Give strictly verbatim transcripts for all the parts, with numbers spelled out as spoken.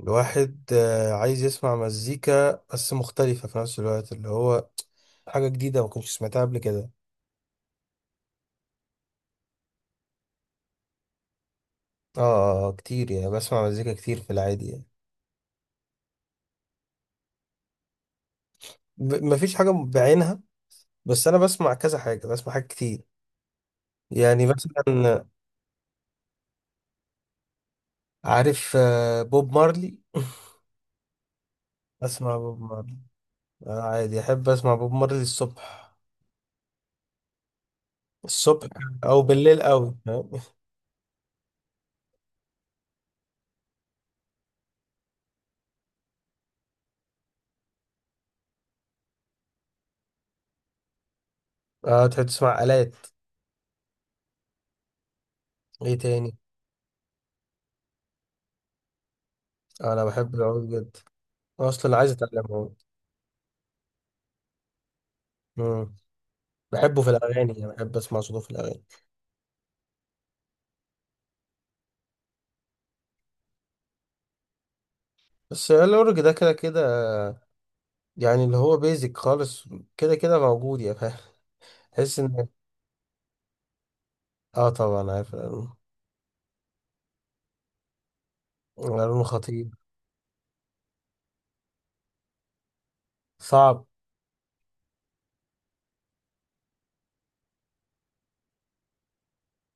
الواحد آه، عايز يسمع مزيكا بس مختلفة في نفس الوقت اللي هو حاجة جديدة ما كنتش سمعتها قبل كده. اه آه، آه، كتير يعني بسمع مزيكا كتير في العادي يعني. ب- مفيش حاجة بعينها، بس أنا بسمع كذا حاجة، بسمع حاجات كتير يعني مثلا. عارف آه، بوب مارلي أسمع بوب مارلي، أنا عادي أحب أسمع بوب مارلي الصبح، الصبح أو بالليل أوي، فاهم؟ اه، تحب تسمع آلات. إيه تاني؟ آه، أنا بحب العود جدا، أصلا عايز أتعلم عود. بحبه في الأغاني، يعني بحب أسمع صوته في الأغاني. بس الأورج ده كده كده، يعني اللي هو بيزك خالص، كده كده موجود، يا فاهم. تحس إن، آه طبعا عارف القانون. القانون خطير، صعب.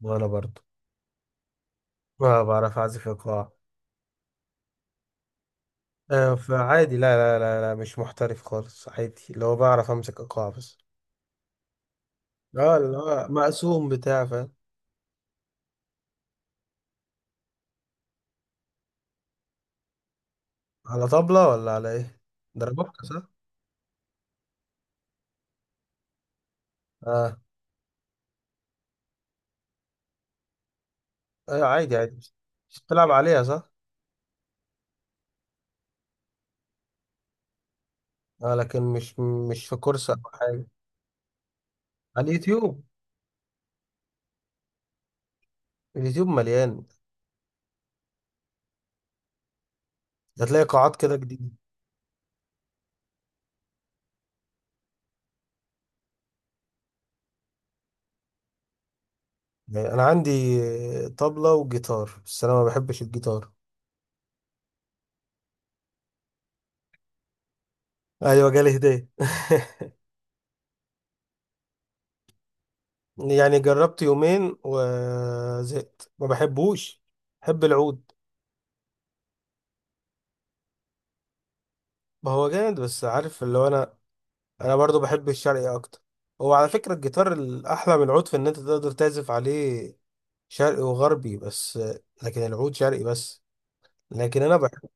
وأنا برضه ما بعرف أعزف إيقاع. آه فعادي، لا لا لا لا، مش محترف خالص، عادي اللي هو بعرف أمسك إيقاع بس. آه اللي هو مقسوم بتاع، فاهم؟ على طبلة ولا على إيه؟ دربوكة صح؟ آه، أيوة عادي عادي بس. بتلعب عليها صح؟ آه، لكن مش مش في كورس أو حاجة. على اليوتيوب، اليوتيوب مليان، هتلاقي قاعات كده جديدة. يعني أنا عندي طبلة وجيتار، بس أنا ما بحبش الجيتار. أيوة جالي هدية. يعني جربت يومين وزهقت، ما بحبوش، بحب العود. ما هو جامد، بس عارف اللي هو أنا، أنا برضو بحب الشرقي أكتر. هو على فكرة الجيتار الأحلى من العود في إن أنت تقدر تعزف عليه شرقي وغربي، بس لكن العود شرقي بس. لكن أنا بحب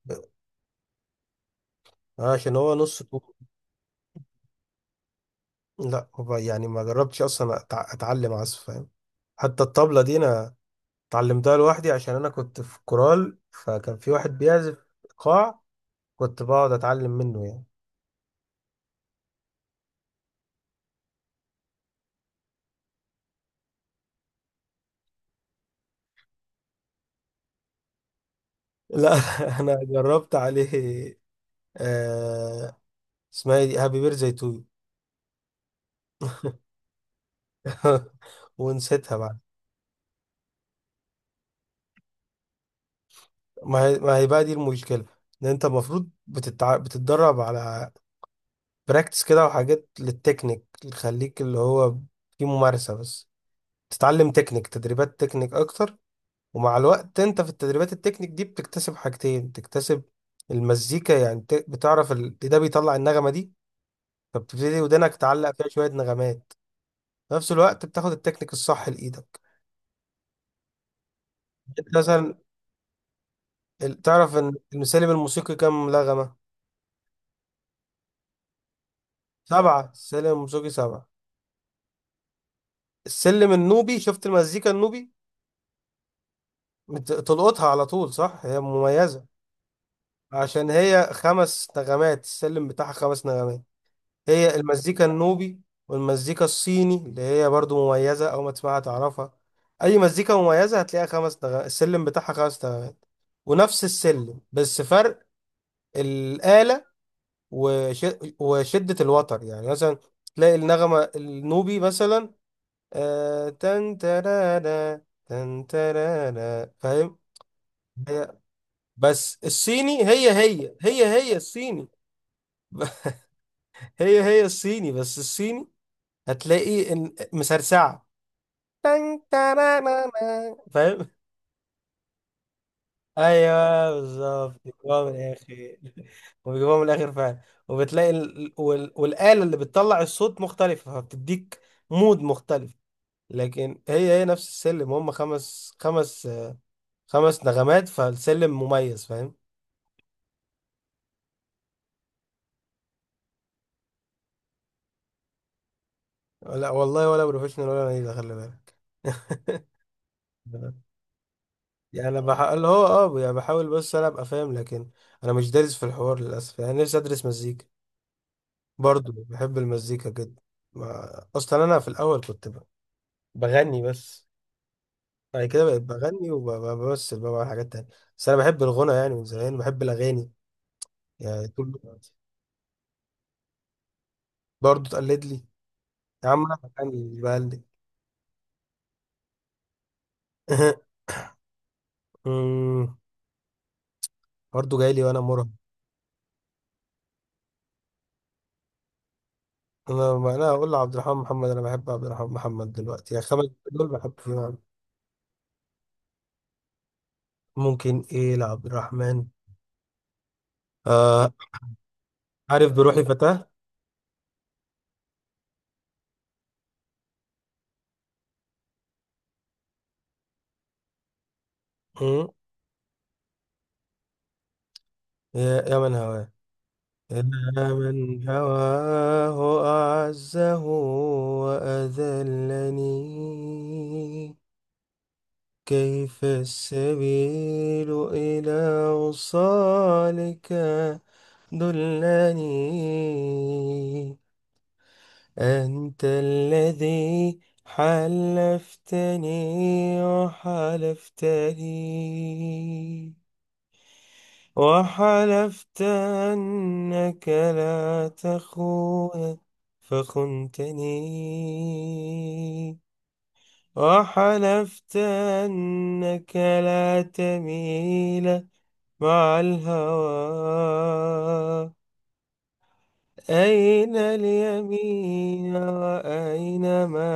آه، عشان هو نص طول. لا هو يعني ما جربتش اصلا أتع- اتعلم عزف، فاهم؟ حتى الطبلة دي انا اتعلمتها لوحدي، عشان انا كنت في كورال، فكان في واحد بيعزف ايقاع، كنت بقعد اتعلم منه يعني. لا انا جربت عليه آه. اسمها ايه دي؟ هابي بير زي تو يو. ونسيتها بعد. ما هي ما هي بقى دي المشكلة، ان انت المفروض بتتع... بتتدرب على براكتس كده وحاجات للتكنيك، اللي تخليك اللي هو في ممارسة بس، تتعلم تكنيك، تدريبات تكنيك اكتر. ومع الوقت انت في التدريبات التكنيك دي بتكتسب حاجتين، بتكتسب المزيكا، يعني بت- بتعرف ال... ده بيطلع النغمة دي، فبتبتدي ودنك تعلق فيها شوية نغمات. في نفس الوقت بتاخد التكنيك الصح لإيدك. انت مثلا، ال- تعرف ان السلم الموسيقي كام نغمة؟ سبعة، السلم الموسيقي سبعة. السلم النوبي، شفت المزيكا النوبي؟ بت- تلقطها على طول صح، هي مميزة. عشان هي خمس نغمات، السلم بتاعها خمس نغمات، هي المزيكا النوبي. والمزيكا الصيني اللي هي برضو مميزة، أو ما تسمعها تعرفها. أي مزيكا مميزة هتلاقيها خمس نغمات، السلم بتاعها خمس نغمات ونفس السلم، بس فرق الآلة وش... وشدة الوتر. يعني مثلا تلاقي النغمة النوبي مثلا آه... تن ترانا تن ترانا، فاهم؟ هي، بس الصيني هي هي هي هي الصيني هي هي الصيني، بس الصيني هتلاقي إن- مسرسعة، تن ترانانا. فاهم؟ ايوه بالظبط بيجيبوها من الاخر وبيجيبوها من الاخر فعلا. وبتلاقي ال... وال... والاله اللي بتطلع الصوت مختلفه، فبتديك مود مختلف. لكن هي هي نفس السلم، هم خمس، خمس خمس نغمات، فالسلم مميز، فاهم؟ لا والله، ولا بروفيشنال ولا نيلة، خلي بالك. يعني انا بحاول، هو اه يعني بحاول، بس انا ابقى فاهم. لكن انا مش دارس في الحوار للاسف، يعني نفسي ادرس مزيكا، برضو بحب المزيكا جدا. ما... اصلا انا في الاول كنت ب... بغني بس، بعد كده بقيت بغني وبمثل بقى، بعمل حاجات تانية. بس انا بحب الغنى، يعني من زمان بحب الاغاني، يعني طول الوقت. برضو تقلد لي؟ يا عم انا بغني بقلد. أمم، برضو جاي لي وانا مراهق. انا، ما انا اقول لعبد الرحمن محمد، انا بحب عبد الرحمن محمد دلوقتي، يعني خمس دول بحب فيهم. ممكن ايه لعبد الرحمن؟ آه، عارف بروحي فتاة؟ أمم، يا يا من هواه. أنا من هواه أعزه وأذلني، كيف السبيل إلى وصالك دلني، أنت الذي حلفتني، وحلفتني وحلفت أنك لا تخون فخنتني، وحلفت أنك لا تميل مع الهوى، أين اليمين وأين ما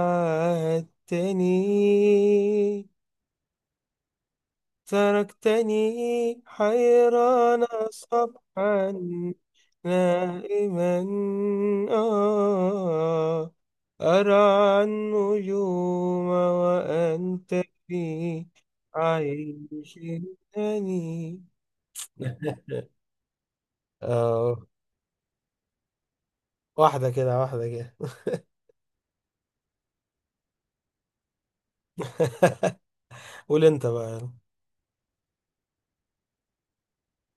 عاهدتني، تركتني حيران صبحا نائما آه، أرعى النجوم وأنت في عيش هني. آه، واحدة كده واحدة كده. قول أنت بقى يلا.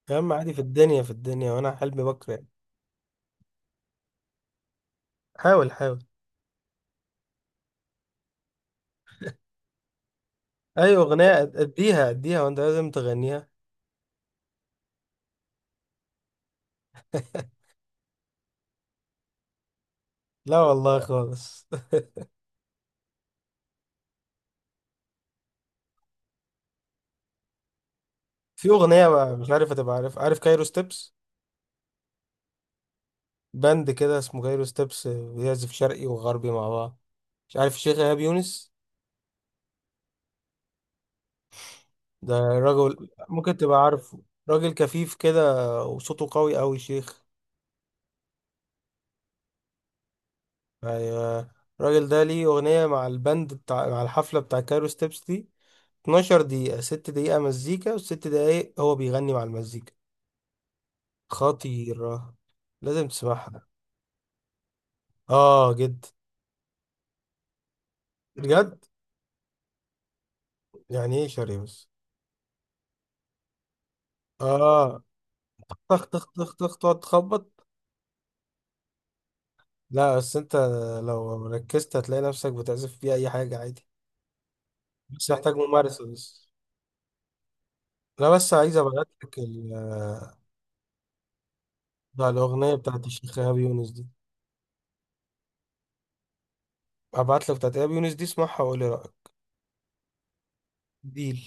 يا عم عادي، في الدنيا في الدنيا وأنا حلمي بكرة يعني. حاول، حاول. أي أغنية أد- أديها، أديها وأنت لازم تغنيها. لا والله خالص. في اغنيه، مش عارف هتبقى عارف، عارف كايرو ستيبس؟ باند كده اسمه كايرو ستيبس، بيعزف شرقي وغربي مع بعض. مش عارف الشيخ ايهاب يونس؟ ده راجل ممكن تبقى عارفه، راجل كفيف كده وصوته قوي قوي، شيخ. ايوه، الراجل ده ليه اغنيه مع الباند بتاع، مع الحفله بتاع كايرو ستيبس دي، اتناشر دقيقه، ستة دقيقه مزيكا و6 دقايق هو بيغني مع المزيكا. خطيره، لازم تسمعها. اه جد. بجد؟ يعني ايه شرقي بس؟ اه، طخ طخ طخ طخ، تقعد تخبط. لا بس انت لو ركزت هتلاقي نفسك بتعزف فيها اي حاجة عادي، بس محتاج ممارسة بس. انا بس عايز ابعت لك ال- بتاع الاغنية بتاعت الشيخ ايهاب يونس دي، هبعت لك بتاعت ايهاب يونس دي، اسمعها وقول لي رأيك. ديل